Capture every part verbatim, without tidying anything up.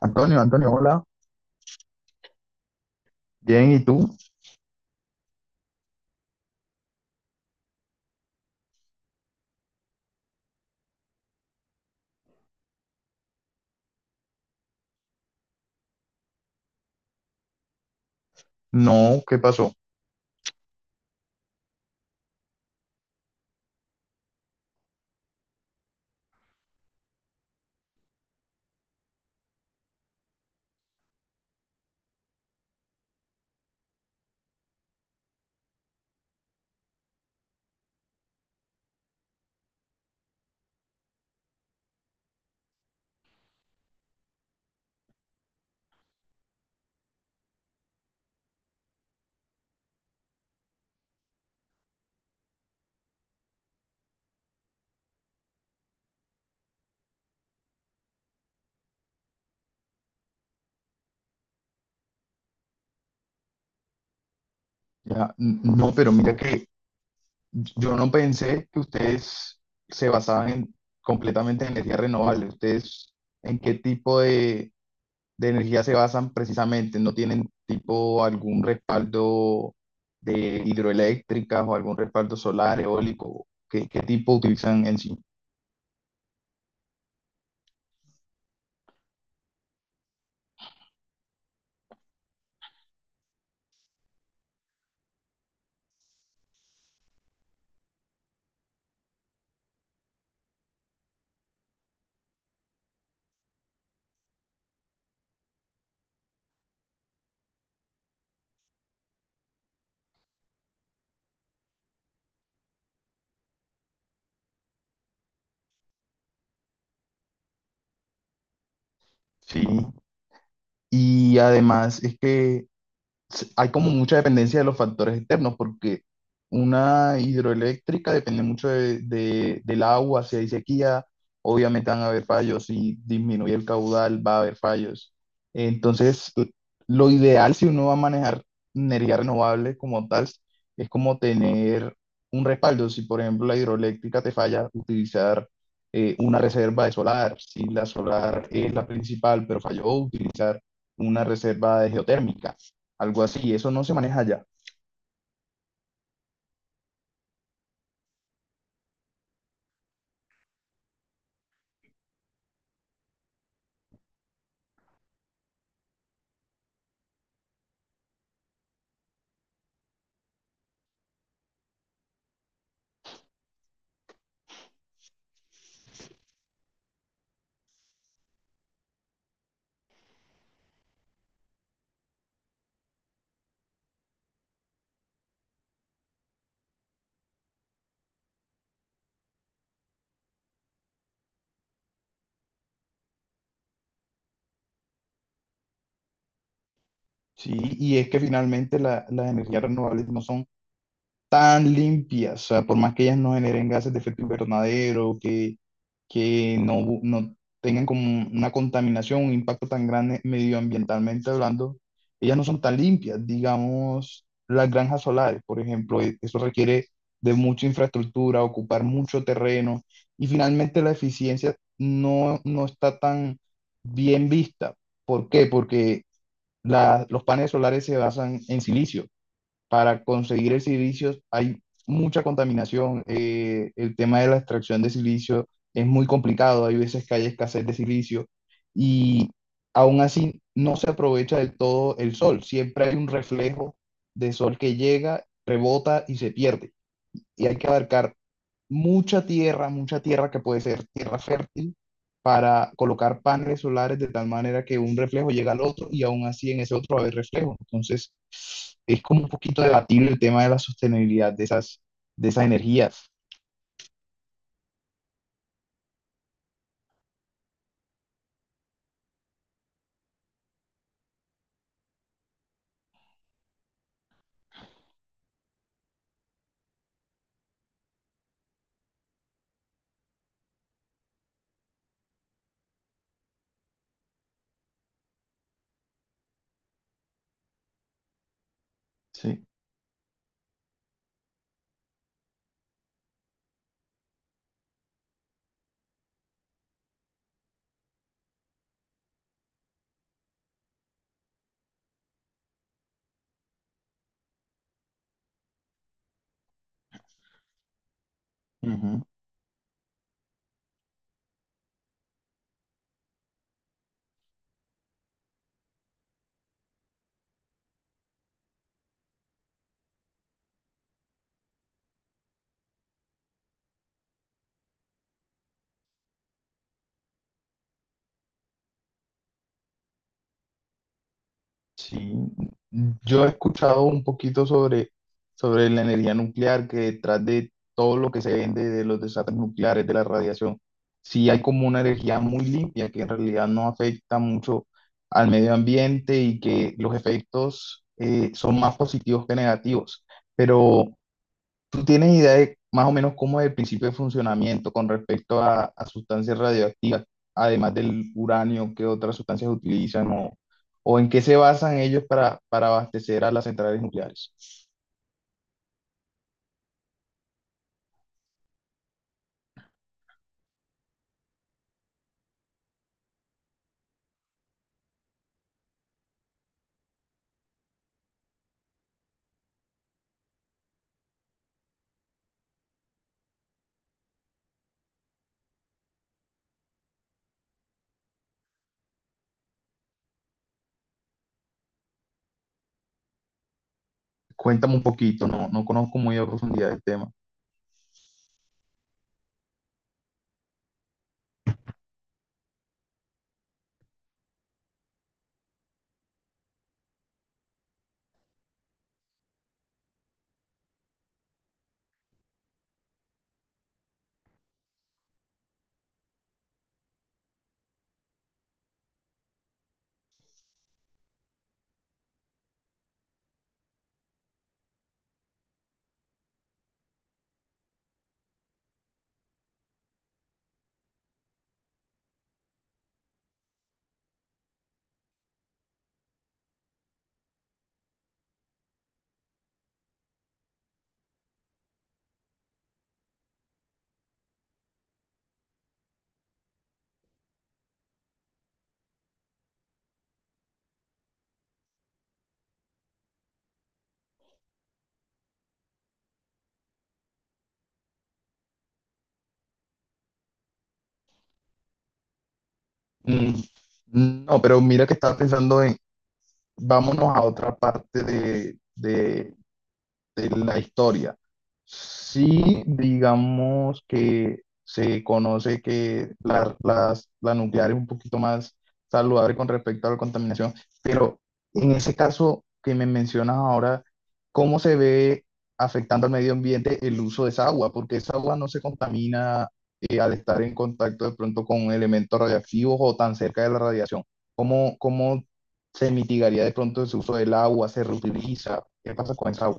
Antonio, Antonio, hola. Bien, ¿y tú? No, ¿qué pasó? Ya, n- no, pero mira que yo no pensé que ustedes se basaban en- completamente en energía renovable. ¿Ustedes en qué tipo de, de energía se basan precisamente? ¿No tienen tipo algún respaldo de hidroeléctricas o algún respaldo solar, eólico? ¿Qué, qué tipo utilizan en sí? Sí. Y además es que se- hay como mucha dependencia de los factores externos, porque una hidroeléctrica depende mucho de, de- del agua. Si hay sequía, obviamente van a haber fallos; si disminuye el caudal, va a haber fallos. Entonces, eh, lo ideal, si uno va a manejar energía renovable como tal, es como tener un respaldo. Si, por ejemplo, la hidroeléctrica te falla, utilizar eh, una reserva de solar. Si la solar es la principal, pero falló, utilizar una reserva de geotérmica, algo así. Eso no se maneja allá, ¿sí? Y es que finalmente la- las energías renovables no son tan limpias, o sea, por más que ellas no generen gases de efecto invernadero, que, que no, bu- no tengan como una contaminación, un impacto tan grande medioambientalmente hablando, ellas no son tan limpias. Digamos, las granjas solares, por ejemplo, e- eso requiere de mucha infraestructura, ocupar mucho terreno, y finalmente la eficiencia no, no está tan bien vista. ¿Por qué? Porque la- los paneles solares se basan en silicio. Para conseguir el silicio hay mucha contaminación. Eh, el tema de la extracción de silicio es muy complicado. Hay veces que hay escasez de silicio, y aún así no se aprovecha del todo el sol. Siempre hay un reflejo de sol que llega, rebota y se pierde. Y hay que abarcar mucha tierra, mucha tierra que puede ser tierra fértil, para colocar paneles solares, de tal manera que un reflejo llega al otro y aún así en ese otro va a haber reflejo. Entonces, es como un poquito debatible el tema de la sostenibilidad de esas, de esas energías. Sí. Ujú. Sí, yo he escuchado un poquito sobre, sobre la energía nuclear, que detrás de todo lo que se vende de los desastres nucleares, de la radiación, sí hay como una energía muy limpia, que en realidad no afecta mucho al medio ambiente, y que los efectos eh, son más positivos que negativos. Pero ¿tú tienes idea de más o menos cómo es el principio de funcionamiento con respecto a, a sustancias radioactivas, además del uranio? ¿Qué otras sustancias utilizan o, o en qué se basan ellos para, para abastecer a las centrales nucleares? Cuéntame un poquito, no, no conozco muy a profundidad el tema. Mm, no, pero mira que estaba pensando en, vámonos a otra parte de, de de la historia. Sí, digamos que se conoce que la, las- la nuclear es un poquito más saludable con respecto a la contaminación, pero en ese caso que me mencionas ahora, ¿cómo se ve afectando al medio ambiente el uso de esa agua? Porque esa agua no se contamina, eh, al estar en contacto de pronto con elementos radiactivos o tan cerca de la radiación. ¿Cómo, cómo se mitigaría de pronto ese uso del agua? ¿Se reutiliza? ¿Qué pasa con esa agua?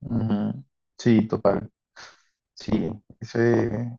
Ujú. Sí, total. Sí, ese, ese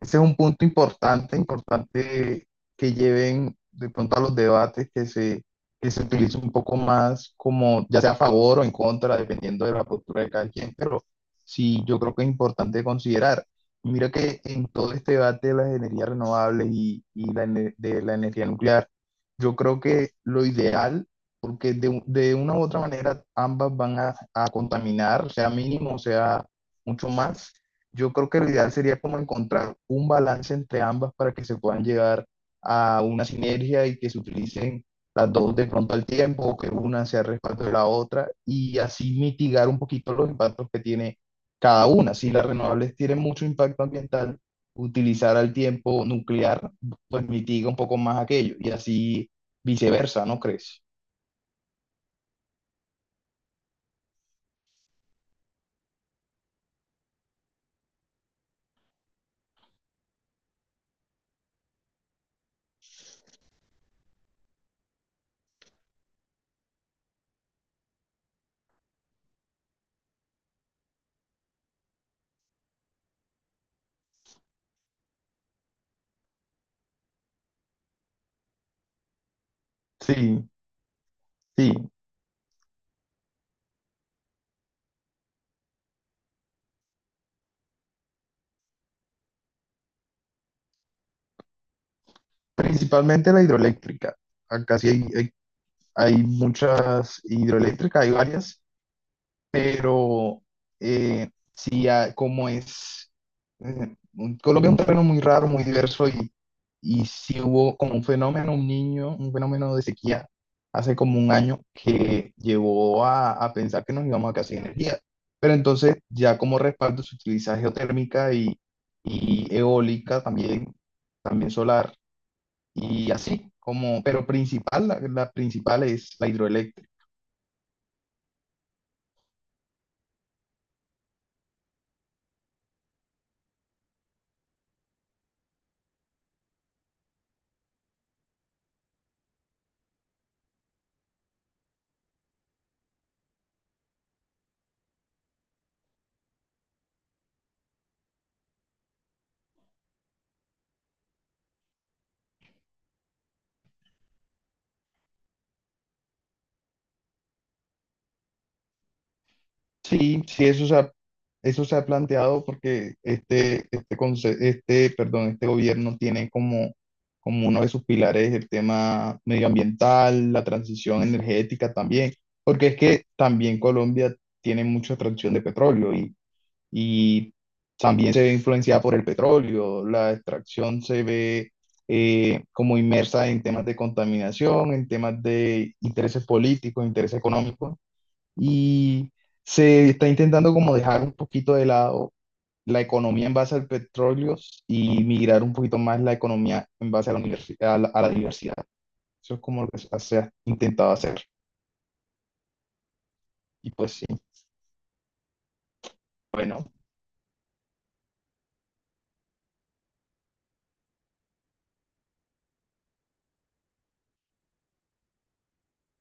es un punto importante, importante, que lleven de pronto a los debates, que se, que se utilice un poco más como, ya sea a favor o en contra, dependiendo de la postura de cada quien, pero sí, yo creo que es importante considerar. Mira que en todo este debate de las energías renovables y, y la ene- de la energía nuclear, yo creo que lo ideal, porque de, u- de una u otra manera ambas van a, a contaminar, sea mínimo, sea mucho más, yo creo que lo ideal sería como encontrar un balance entre ambas, para que se puedan llegar a una sinergia y que se utilicen las dos de pronto al tiempo, o que una sea respaldo de la otra, y así mitigar un poquito los impactos que tiene cada una. Si las renovables tienen mucho impacto ambiental, utilizar al tiempo nuclear pues mitiga un poco más aquello, y así viceversa, ¿no crees? Sí, sí, principalmente la hidroeléctrica. Acá sí hay, hay Hay muchas hidroeléctricas, hay varias, pero eh, sí, ah, como es, eh, Colombia es un terreno muy raro, muy diverso, y, y sí hubo como un fenómeno, un niño, un fenómeno de sequía hace como un año, que llevó a, a pensar que nos íbamos a quedar sin energía. Pero entonces ya como respaldo se utiliza geotérmica y, y eólica también, también solar, y así como, pero principal, la, la principal es la hidroeléctrica. Sí, sí, eso se ha, eso se ha planteado porque este, este, conce- este, perdón, este gobierno tiene como, como uno de sus pilares el tema medioambiental, la transición energética también, porque es que también Colombia tiene mucha extracción de petróleo, y, y también se ve influenciada por el petróleo. La extracción se ve eh, como inmersa en temas de contaminación, en temas de intereses políticos, intereses económicos, y se está intentando como dejar un poquito de lado la economía en base al petróleo, y migrar un poquito más la economía en base a la universi- a la, a la diversidad. Eso es como lo que se se ha intentado hacer. Y pues sí, bueno,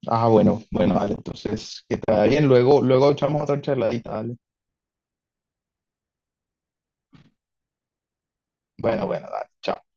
ah, bueno, bueno, dale, entonces, que te vaya bien. Luego, luego echamos otra charladita, dale. Bueno, bueno, dale, chao.